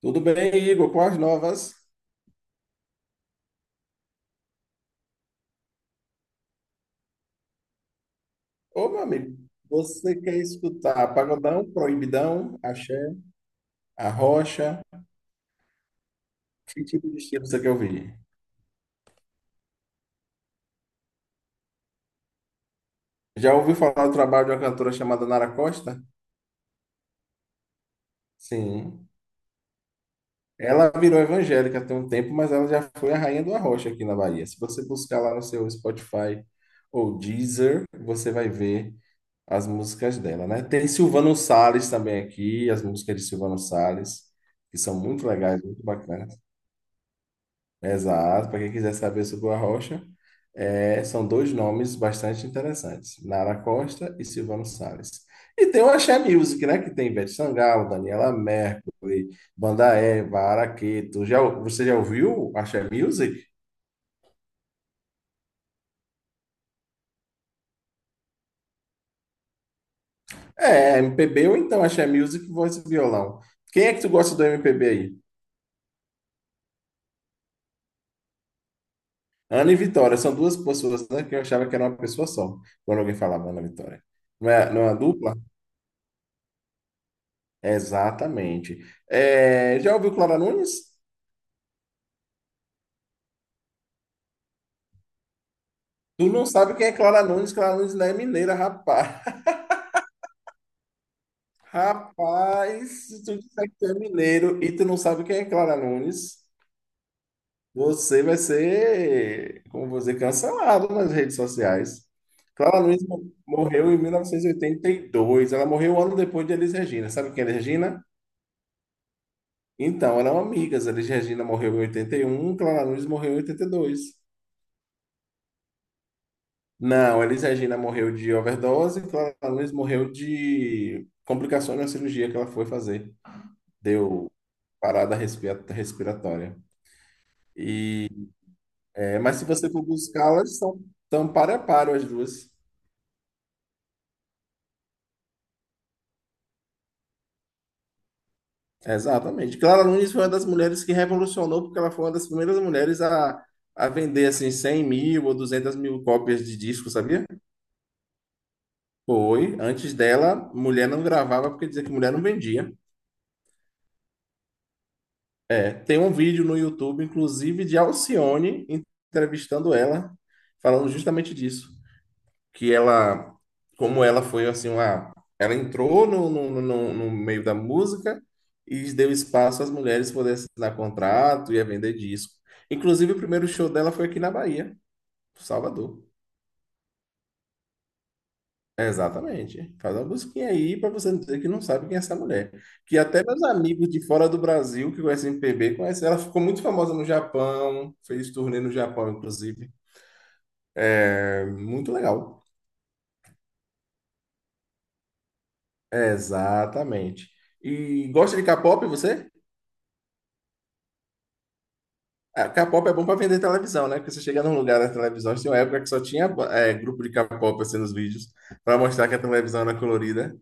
Tudo bem, Igor? Com as novas? Ô, meu amigo, você quer escutar pagodão, proibidão, axé, arrocha? Que tipo de estilo você quer ouvir? Já ouviu falar do trabalho de uma cantora chamada Nara Costa? Sim. Ela virou evangélica tem um tempo, mas ela já foi a rainha do arrocha aqui na Bahia. Se você buscar lá no seu Spotify ou Deezer, você vai ver as músicas dela, né? Tem Silvano Salles também aqui, as músicas de Silvano Salles, que são muito legais, muito bacanas. Exato, para quem quiser saber sobre o Arrocha, são dois nomes bastante interessantes, Nara Costa e Silvano Salles. E tem o Axé Music, né, que tem Ivete Sangalo, Daniela Mercury, Banda Eva, Araqueto. Você já ouviu Axé Music? É, MPB ou então Axé Music, voz e violão. Quem é que tu gosta do MPB aí? Ana e Vitória, são duas pessoas, né, que eu achava que era uma pessoa só, quando alguém falava Ana e Vitória. Não é, não é uma dupla? Exatamente. É, já ouviu Clara Nunes? Tu não sabe quem é Clara Nunes? Clara Nunes não é mineira, rapaz. Rapaz, se tu disser que tu é mineiro e tu não sabe quem é Clara Nunes, você vai ser, como você cancelado nas redes sociais. Morreu em 1982. Ela morreu um ano depois de Elis Regina. Sabe quem é Elis Regina? Então, eram amigas. Elis Regina morreu em 81, Clara Nunes morreu em 82. Não, Elis Regina morreu de overdose, Clara Nunes morreu de complicações na cirurgia que ela foi fazer. Deu respiratória. E, mas se você for buscar, elas são tão par a par as duas. Exatamente. Clara Nunes foi uma das mulheres que revolucionou, porque ela foi uma das primeiras mulheres a vender assim 100 mil ou 200 mil cópias de disco, sabia? Foi. Antes dela, mulher não gravava porque dizia que mulher não vendia. É, tem um vídeo no YouTube, inclusive, de Alcione entrevistando ela, falando justamente disso. Que ela, como ela foi assim, uma, Ela entrou no meio da música e deu espaço às mulheres poderem assinar contrato e a vender disco. Inclusive, o primeiro show dela foi aqui na Bahia, Salvador. Exatamente. Faz uma busquinha aí para você não dizer que não sabe quem é essa mulher. Que até meus amigos de fora do Brasil que conhecem MPB conhecem. Ela ficou muito famosa no Japão, fez turnê no Japão, inclusive. É muito legal. Exatamente. E gosta de K-pop, você? Ah, K-pop é bom para vender televisão, né? Porque você chega num lugar da televisão, tinha uma época que só tinha grupo de K-pop assim nos vídeos, para mostrar que a televisão era colorida.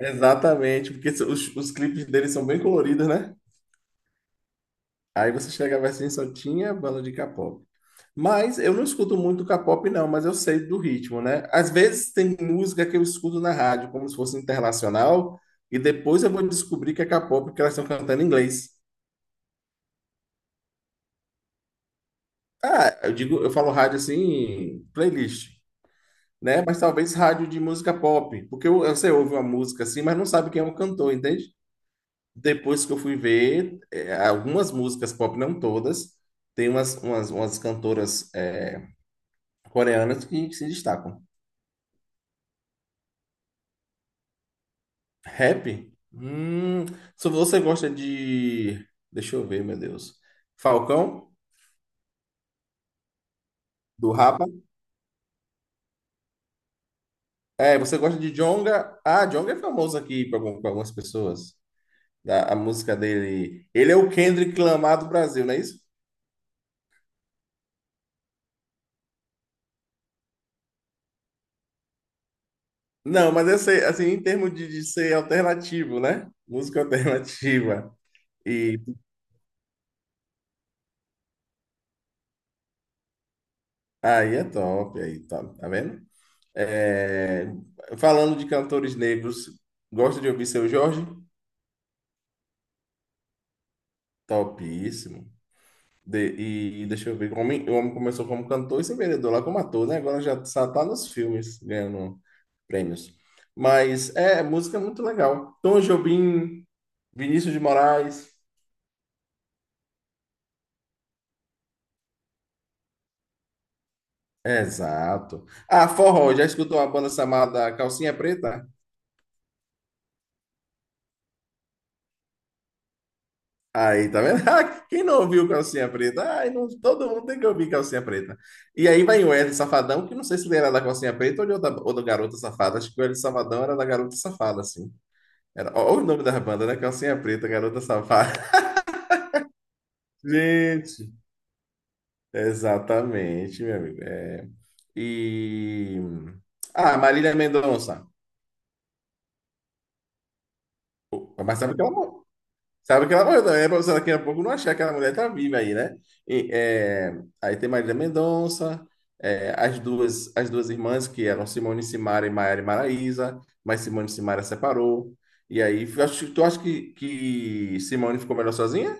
Exatamente, porque os clipes deles são bem coloridos, né? Aí você chegava assim, só tinha banda de K-pop. Mas eu não escuto muito K-pop, não, mas eu sei do ritmo, né? Às vezes tem música que eu escuto na rádio, como se fosse internacional, e depois eu vou descobrir que é K-pop, que elas estão cantando em inglês. Ah, eu digo, eu falo rádio assim, playlist, né? Mas talvez rádio de música pop, porque você ouve uma música assim, mas não sabe quem é o cantor, entende? Depois que eu fui ver, algumas músicas pop, não todas, tem umas cantoras. Coreanas que se destacam. Rap? Hum, se você gosta de. Deixa eu ver, meu Deus. Falcão, do Rapa. É, você gosta de Djonga? Ah, Djonga é famoso aqui para algumas pessoas. Música dele. Ele é o Kendrick Lamar do Brasil, não é isso? Não, mas eu sei, assim, em termos de ser alternativo, né? Música alternativa. E aí é top, aí top, tá vendo? É, falando de cantores negros, gosta de ouvir Seu Jorge? Topíssimo. De- e deixa eu ver, o homem começou como cantor e se vendedor lá como ator, né? Agora já só tá nos filmes ganhando prêmios. Mas é, música é muito legal. Tom Jobim, Vinícius de Moraes. Exato. Ah, forró, já escutou uma banda chamada Calcinha Preta? Aí, tá vendo? Ah, quem não ouviu Calcinha Preta? Ai, não, todo mundo tem que ouvir Calcinha Preta. E aí vai o Wesley Safadão, que não sei se ele era da Calcinha Preta ou, de outra, ou do Garota Safada. Acho que o Wesley Safadão era da Garota Safada, assim. Era, olha o nome da banda, né? Calcinha Preta, Garota Safada. Gente, exatamente, meu amigo. E. Ah, Marília Mendonça. Pô, Sabe que ela morreu também, né? Pra você daqui a pouco não achar que aquela mulher tá viva aí, né? E, é, Aí tem Marília Mendonça, as duas irmãs que eram Simone Simara e Maiara e Maraísa, mas Simone Simara separou. E aí, tu acha que Simone ficou melhor sozinha?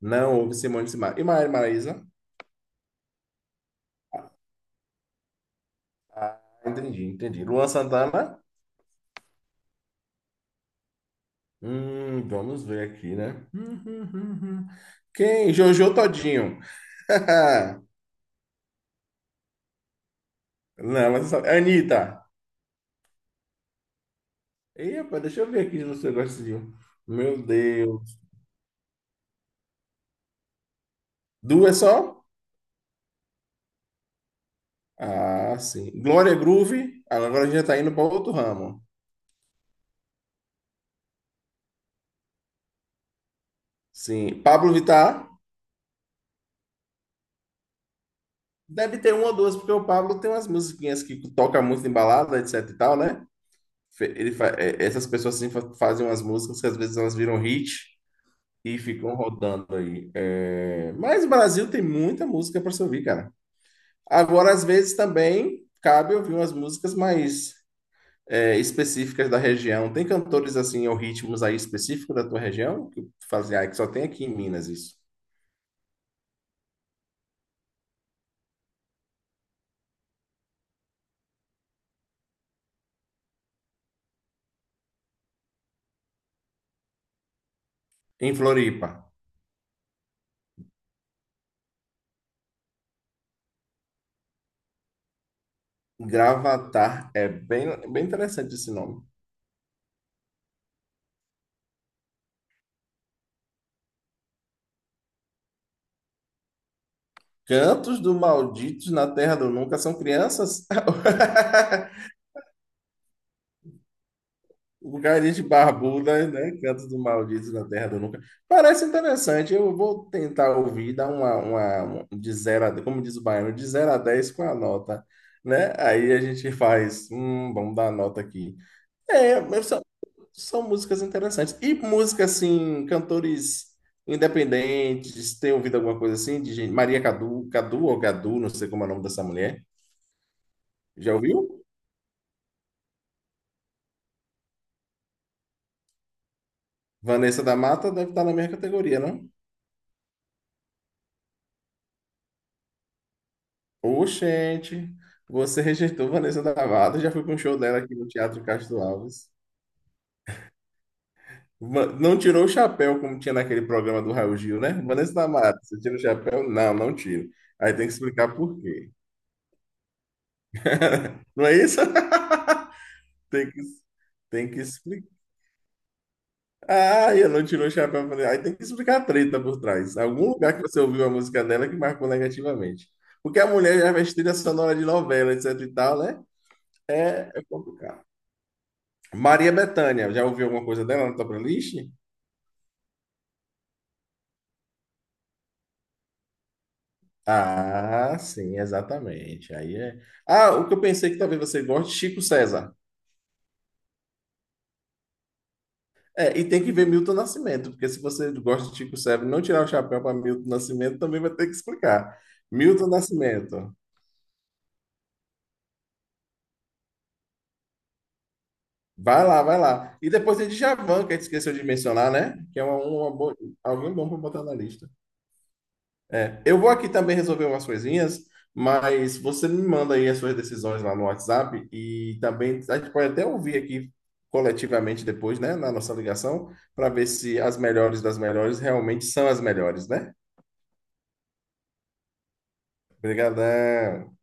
Não, houve Simone Simara. E Maiara e Maraísa? Ah, entendi, entendi. Luan Santana? Vamos ver aqui, né? Quem? Jojo Todinho. Não, mas só- Anitta. Ih, deixa eu ver aqui se você gosta de um. Meu Deus. Duas só? Ah, sim. Glória Groove. Agora a gente já tá indo para outro ramo. Sim. Pablo Vittar. Deve ter uma ou duas, porque o Pablo tem umas musiquinhas que toca muito em balada, etc e tal, né? Essas pessoas assim fazem umas músicas que às vezes elas viram hit. E ficam rodando aí. É, mas o Brasil tem muita música para se ouvir, cara. Agora, às vezes, também cabe ouvir umas músicas mais específicas da região. Tem cantores assim, ou ritmos aí específicos da tua região? Que tu fazia, ah, que só tem aqui em Minas isso. Em Floripa. Gravatar é bem, bem interessante esse nome. Cantos do Malditos na Terra do Nunca são crianças? Lugares de barbuda, né? Cantos do Maldito na Terra do Nunca. Parece interessante. Eu vou tentar ouvir, dar uma um de zero a, como diz o baiano, de zero a 10 com a nota, né? Aí a gente faz, vamos dar a nota aqui. É, mas são, São músicas interessantes. E música assim, cantores independentes, tem ouvido alguma coisa assim de gente, Maria Cadu, Cadu ou Gadu, não sei como é o nome dessa mulher. Já ouviu? Vanessa da Mata deve estar na minha categoria, não? Oxente, você rejeitou Vanessa Davado, já fui para um show dela aqui no Teatro Castro Alves. Não tirou o chapéu como tinha naquele programa do Raul Gil, né? Vanessa da você tira o chapéu? Não, não tiro. Aí tem que explicar por quê. Não é isso? Tem que, tem que explicar. Ah, eu não tirou o chapéu. Falei, aí tem que explicar a treta por trás. Algum lugar que você ouviu a música dela que marcou negativamente. Porque a mulher já fez trilha sonora de novela, etc e tal, né? É, é complicado. Maria Bethânia, já ouviu alguma coisa dela na tua playlist? Ah, sim, exatamente. Aí é. Ah, o que eu pensei que talvez você goste, Chico César. É, e tem que ver Milton Nascimento, porque se você gosta de Chico César e não tirar o chapéu para Milton Nascimento, também vai ter que explicar. Milton Nascimento. Vai lá, vai lá. E depois tem Djavan, que a gente esqueceu de mencionar, né? Que é uma boa, alguém bom para botar na lista. Eu vou aqui também resolver umas coisinhas, mas você me manda aí as suas decisões lá no WhatsApp e também a gente pode até ouvir aqui coletivamente depois, né, na nossa ligação, para ver se as melhores das melhores realmente são as melhores, né? Obrigadão.